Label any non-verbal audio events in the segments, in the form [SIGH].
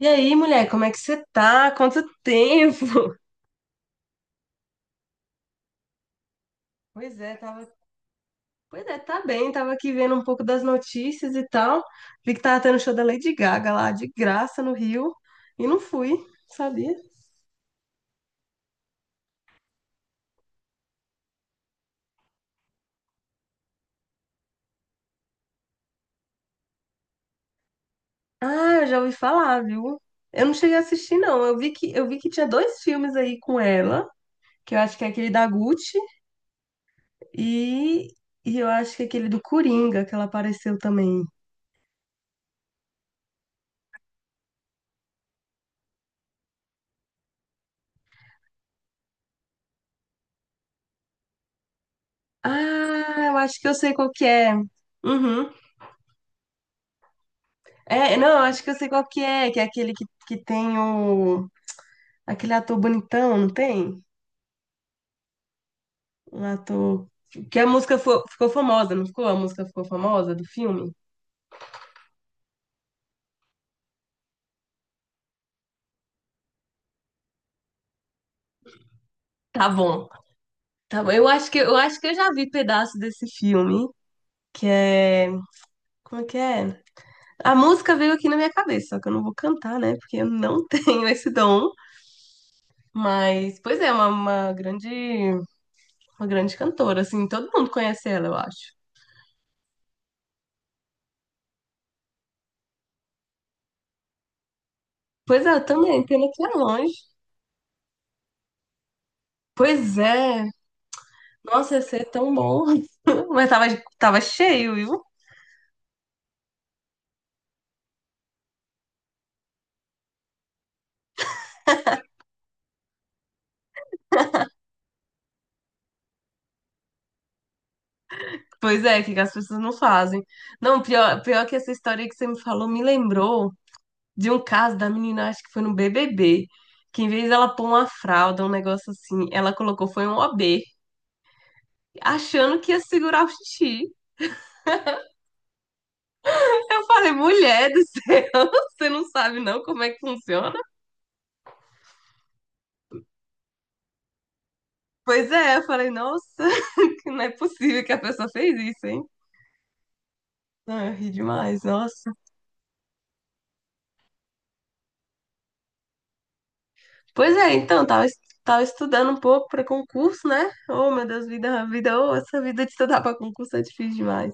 E aí, mulher, como é que você tá? Quanto tempo? [LAUGHS] Pois é, tava. Pois é, tá bem, tava aqui vendo um pouco das notícias e tal. Vi que tava tendo show da Lady Gaga lá, de graça no Rio. E não fui, sabia? Ah, eu já ouvi falar, viu? Eu não cheguei a assistir, não. Eu vi que tinha dois filmes aí com ela, que eu acho que é aquele da Gucci e, e eu acho que é aquele do Coringa, que ela apareceu também. Ah, eu acho que eu sei qual que é. Uhum. É, não, acho que eu sei qual que é aquele que tem o... Aquele ator bonitão, não tem? Um ator... Que a música ficou famosa, não ficou? A música ficou famosa do filme? Tá bom, tá bom. Eu acho que eu já vi pedaço desse filme, que é... Como é que é? A música veio aqui na minha cabeça, só que eu não vou cantar, né? Porque eu não [LAUGHS] tenho esse dom. Mas, pois é, uma grande cantora, assim, todo mundo conhece ela, eu acho. Pois é, eu também, pena que é longe. Pois é, Nossa, ia ser tão bom. [LAUGHS] Mas tava, tava cheio, viu? Pois é, o que que as pessoas não fazem. Não, pior, pior que essa história que você me falou me lembrou de um caso da menina, acho que foi no BBB, que em vez dela pôr uma fralda, um negócio assim, ela colocou foi um OB, achando que ia segurar o xixi. Eu falei, mulher do céu, [LAUGHS] você não sabe não como é que funciona? Pois é, eu falei, nossa, [LAUGHS] não é possível que a pessoa fez isso, hein? Não, eu ri demais, nossa. Pois é, então, tava, tava estudando um pouco para concurso, né? Oh, meu Deus, vida, vida, oh, essa vida de estudar [LAUGHS] para concurso é difícil demais.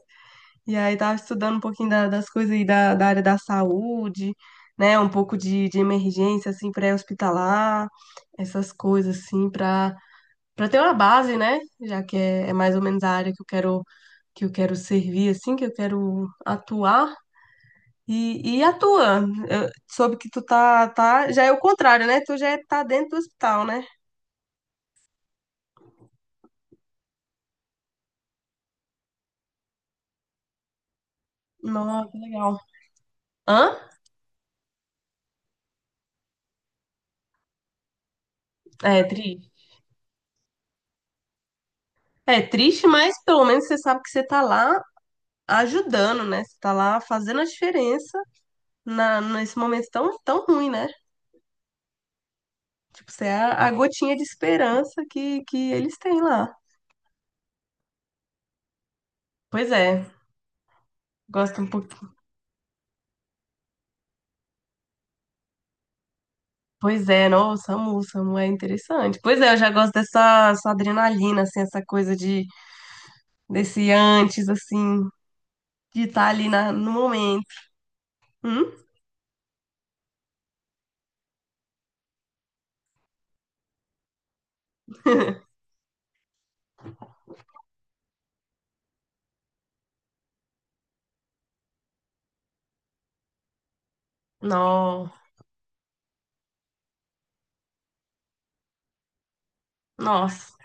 E aí tava estudando um pouquinho das coisas aí da área da saúde, né? Um pouco de emergência, assim, pré-hospitalar, essas coisas, assim, para ter uma base, né? Já que é, é mais ou menos a área que eu quero servir, assim, que eu quero atuar. E atua, soube que tu tá, tá, já é o contrário, né? Tu já tá dentro do hospital, né? Nossa, que legal. Hã? É triste. É triste, mas pelo menos você sabe que você tá lá ajudando, né? Você tá lá fazendo a diferença na, nesse momento tão, tão ruim, né? Tipo, você é a gotinha de esperança que eles têm lá. Pois é, gosto um pouco. Pois é, nossa, Samu, Samu é interessante. Pois é, eu já gosto dessa essa adrenalina, assim, essa coisa de desse antes, assim, de estar ali na, no momento. Hum? Nó, nossa,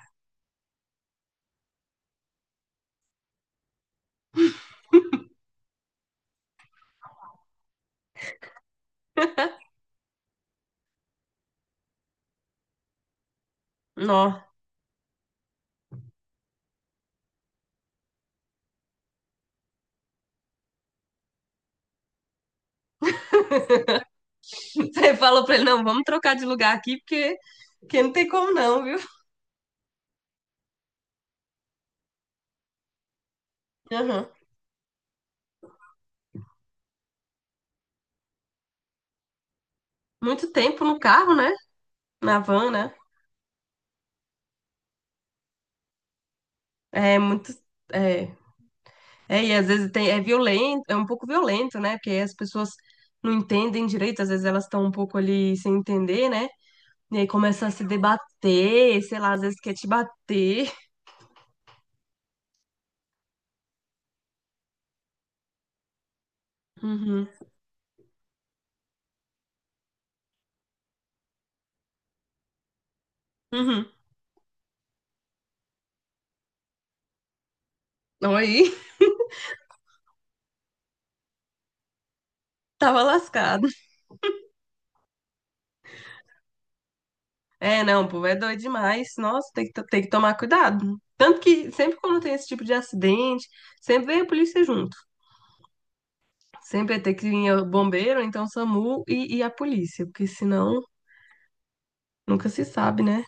nó. [LAUGHS] você falou pra ele, não, vamos trocar de lugar aqui, porque, porque não tem como não, viu? Aham. Muito tempo no carro, né? Na van, né? É muito. É, é, e às vezes tem, é violento, é um pouco violento, né? Porque as pessoas não entendem direito, às vezes elas estão um pouco ali sem entender, né? E aí começa a se debater, sei lá, às vezes quer te bater. Uhum, uhum. Aí, [LAUGHS] tava lascado. É, não, o povo é doido demais. Nossa, tem que, tem que tomar cuidado. Tanto que sempre quando tem esse tipo de acidente, sempre vem a polícia junto. Sempre vai ter que vir o bombeiro, ou então SAMU e a polícia, porque senão nunca se sabe, né?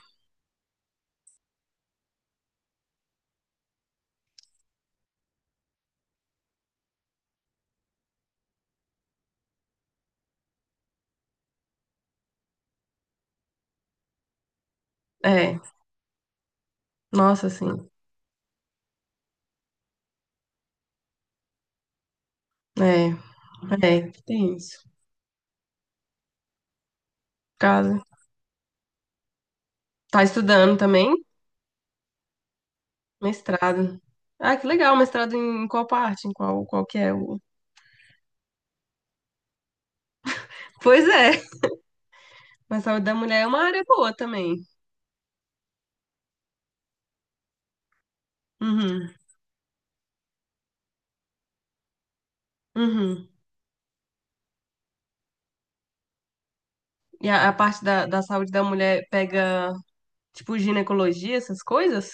É, nossa, assim, é, é, tem isso. Casa. Tá estudando também? Mestrado. Ah, que legal, mestrado em qual parte? Em qual, qual que é o... Pois é, mas a saúde da mulher é uma área boa também. Uhum, uhum. E a parte da saúde da mulher pega, tipo, ginecologia, essas coisas?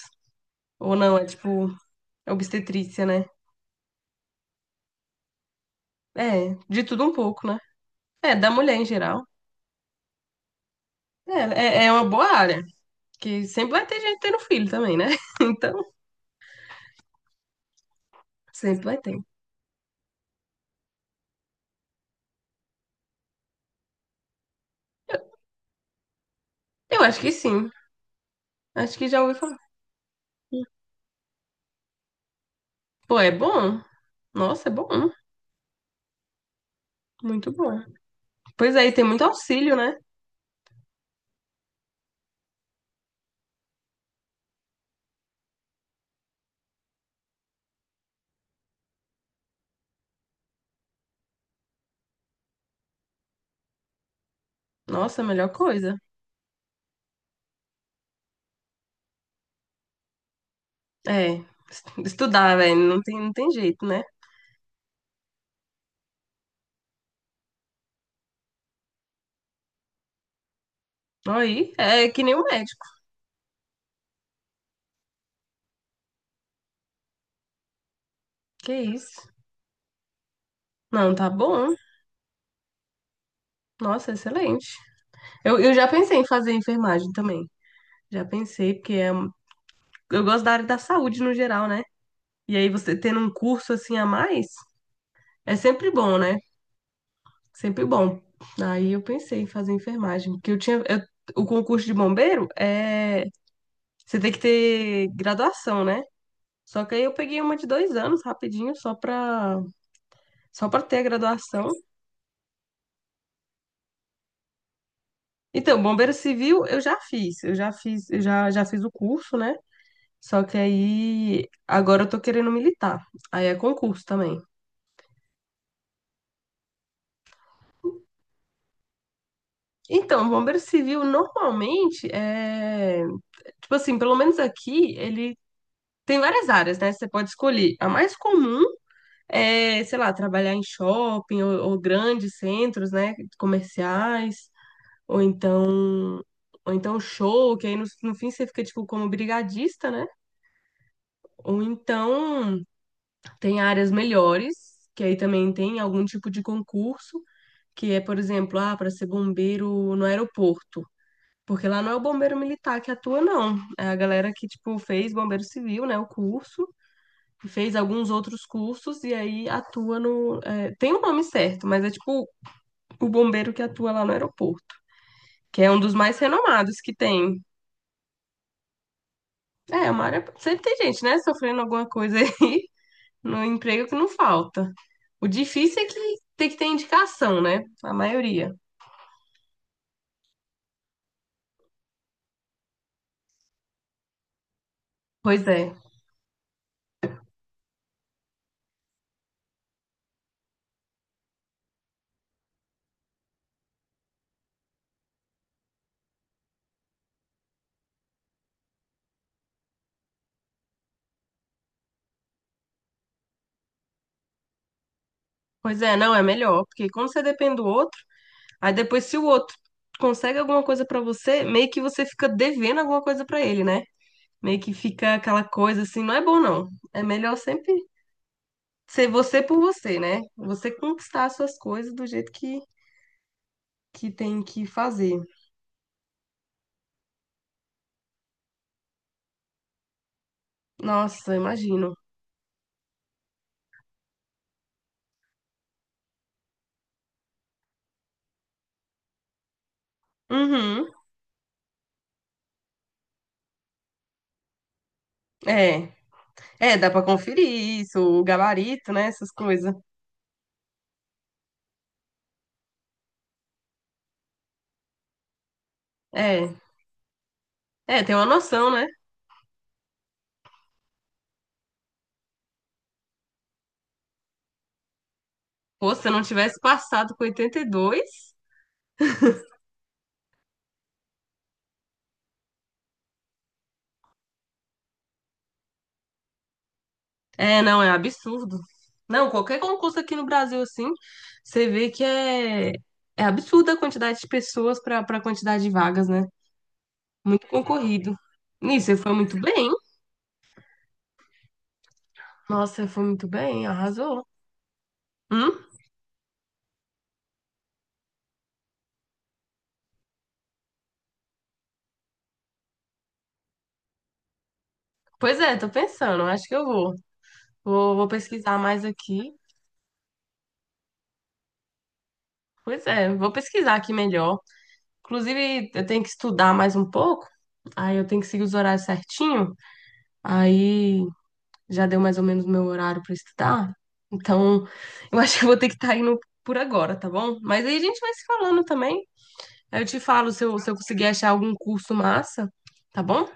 Ou não, é tipo, obstetrícia, né? É, de tudo um pouco, né? É, da mulher em geral. É, é, é uma boa área. Que sempre vai ter gente tendo filho também, né? [LAUGHS] Então, sempre vai ter. Eu, eu acho que sim. Acho que já ouvi falar. Pô, é bom. Nossa, é bom. Muito bom. Pois aí, tem muito auxílio, né? Nossa, a melhor coisa. É, estudar, velho. Não tem jeito, né? Aí, é que nem o médico. Que isso. Não, tá bom. Nossa, excelente. Eu já pensei em fazer enfermagem também. Já pensei, porque é, eu gosto da área da saúde no geral, né? E aí você tendo um curso assim a mais, é sempre bom, né? Sempre bom. Aí eu pensei em fazer enfermagem, porque eu tinha, o concurso de bombeiro é, você tem que ter graduação, né? Só que aí eu peguei uma de 2 anos rapidinho, só pra ter a graduação. Então, bombeiro civil eu já fiz, já fiz o curso, né? Só que aí agora eu tô querendo militar. Aí é concurso também. Então, bombeiro civil normalmente é, tipo assim, pelo menos aqui ele tem várias áreas, né? Você pode escolher. A mais comum é, sei lá, trabalhar em shopping ou grandes centros, né, comerciais, ou então ou então show, que aí no, no fim você fica tipo como brigadista, né? Ou então tem áreas melhores, que aí também tem algum tipo de concurso. Que é, por exemplo, ah, para ser bombeiro no aeroporto. Porque lá não é o bombeiro militar que atua, não. É a galera que, tipo, fez bombeiro civil, né, o curso, fez alguns outros cursos e aí atua no. é, tem o nome certo, mas é tipo o bombeiro que atua lá no aeroporto, que é um dos mais renomados que tem. É, é uma área. Sempre tem gente, né, sofrendo alguma coisa aí [LAUGHS] no emprego que não falta. O difícil é que tem que ter indicação, né? A maioria. Pois é. Pois é, não, é melhor, porque quando você depende do outro. Aí depois, se o outro consegue alguma coisa pra você, meio que você fica devendo alguma coisa pra ele, né? Meio que fica aquela coisa assim, não é bom não. É melhor sempre ser você por você, né? Você conquistar as suas coisas do jeito que tem que fazer. Nossa, imagino. Uhum. É. É, dá pra conferir isso, o gabarito, né? Essas coisas. É. É, tem uma noção, né? Pô, se eu não tivesse passado com 82. É, não, é absurdo. Não, qualquer concurso aqui no Brasil, assim, você vê que é, é absurda a quantidade de pessoas para a quantidade de vagas, né? Muito concorrido. Nisso, você foi muito bem. Nossa, foi muito bem, arrasou. Hum? Pois é, tô pensando, acho que eu vou. Vou pesquisar mais aqui. Pois é, vou pesquisar aqui melhor. Inclusive, eu tenho que estudar mais um pouco. Aí eu tenho que seguir os horários certinho. Aí já deu mais ou menos meu horário para estudar. Então, eu acho que eu vou ter que estar indo por agora, tá bom? Mas aí a gente vai se falando também. Aí eu te falo se eu conseguir achar algum curso massa, tá bom?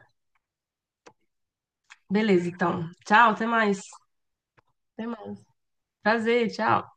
Beleza, então. Tchau, até mais. Até mais. Prazer, tchau.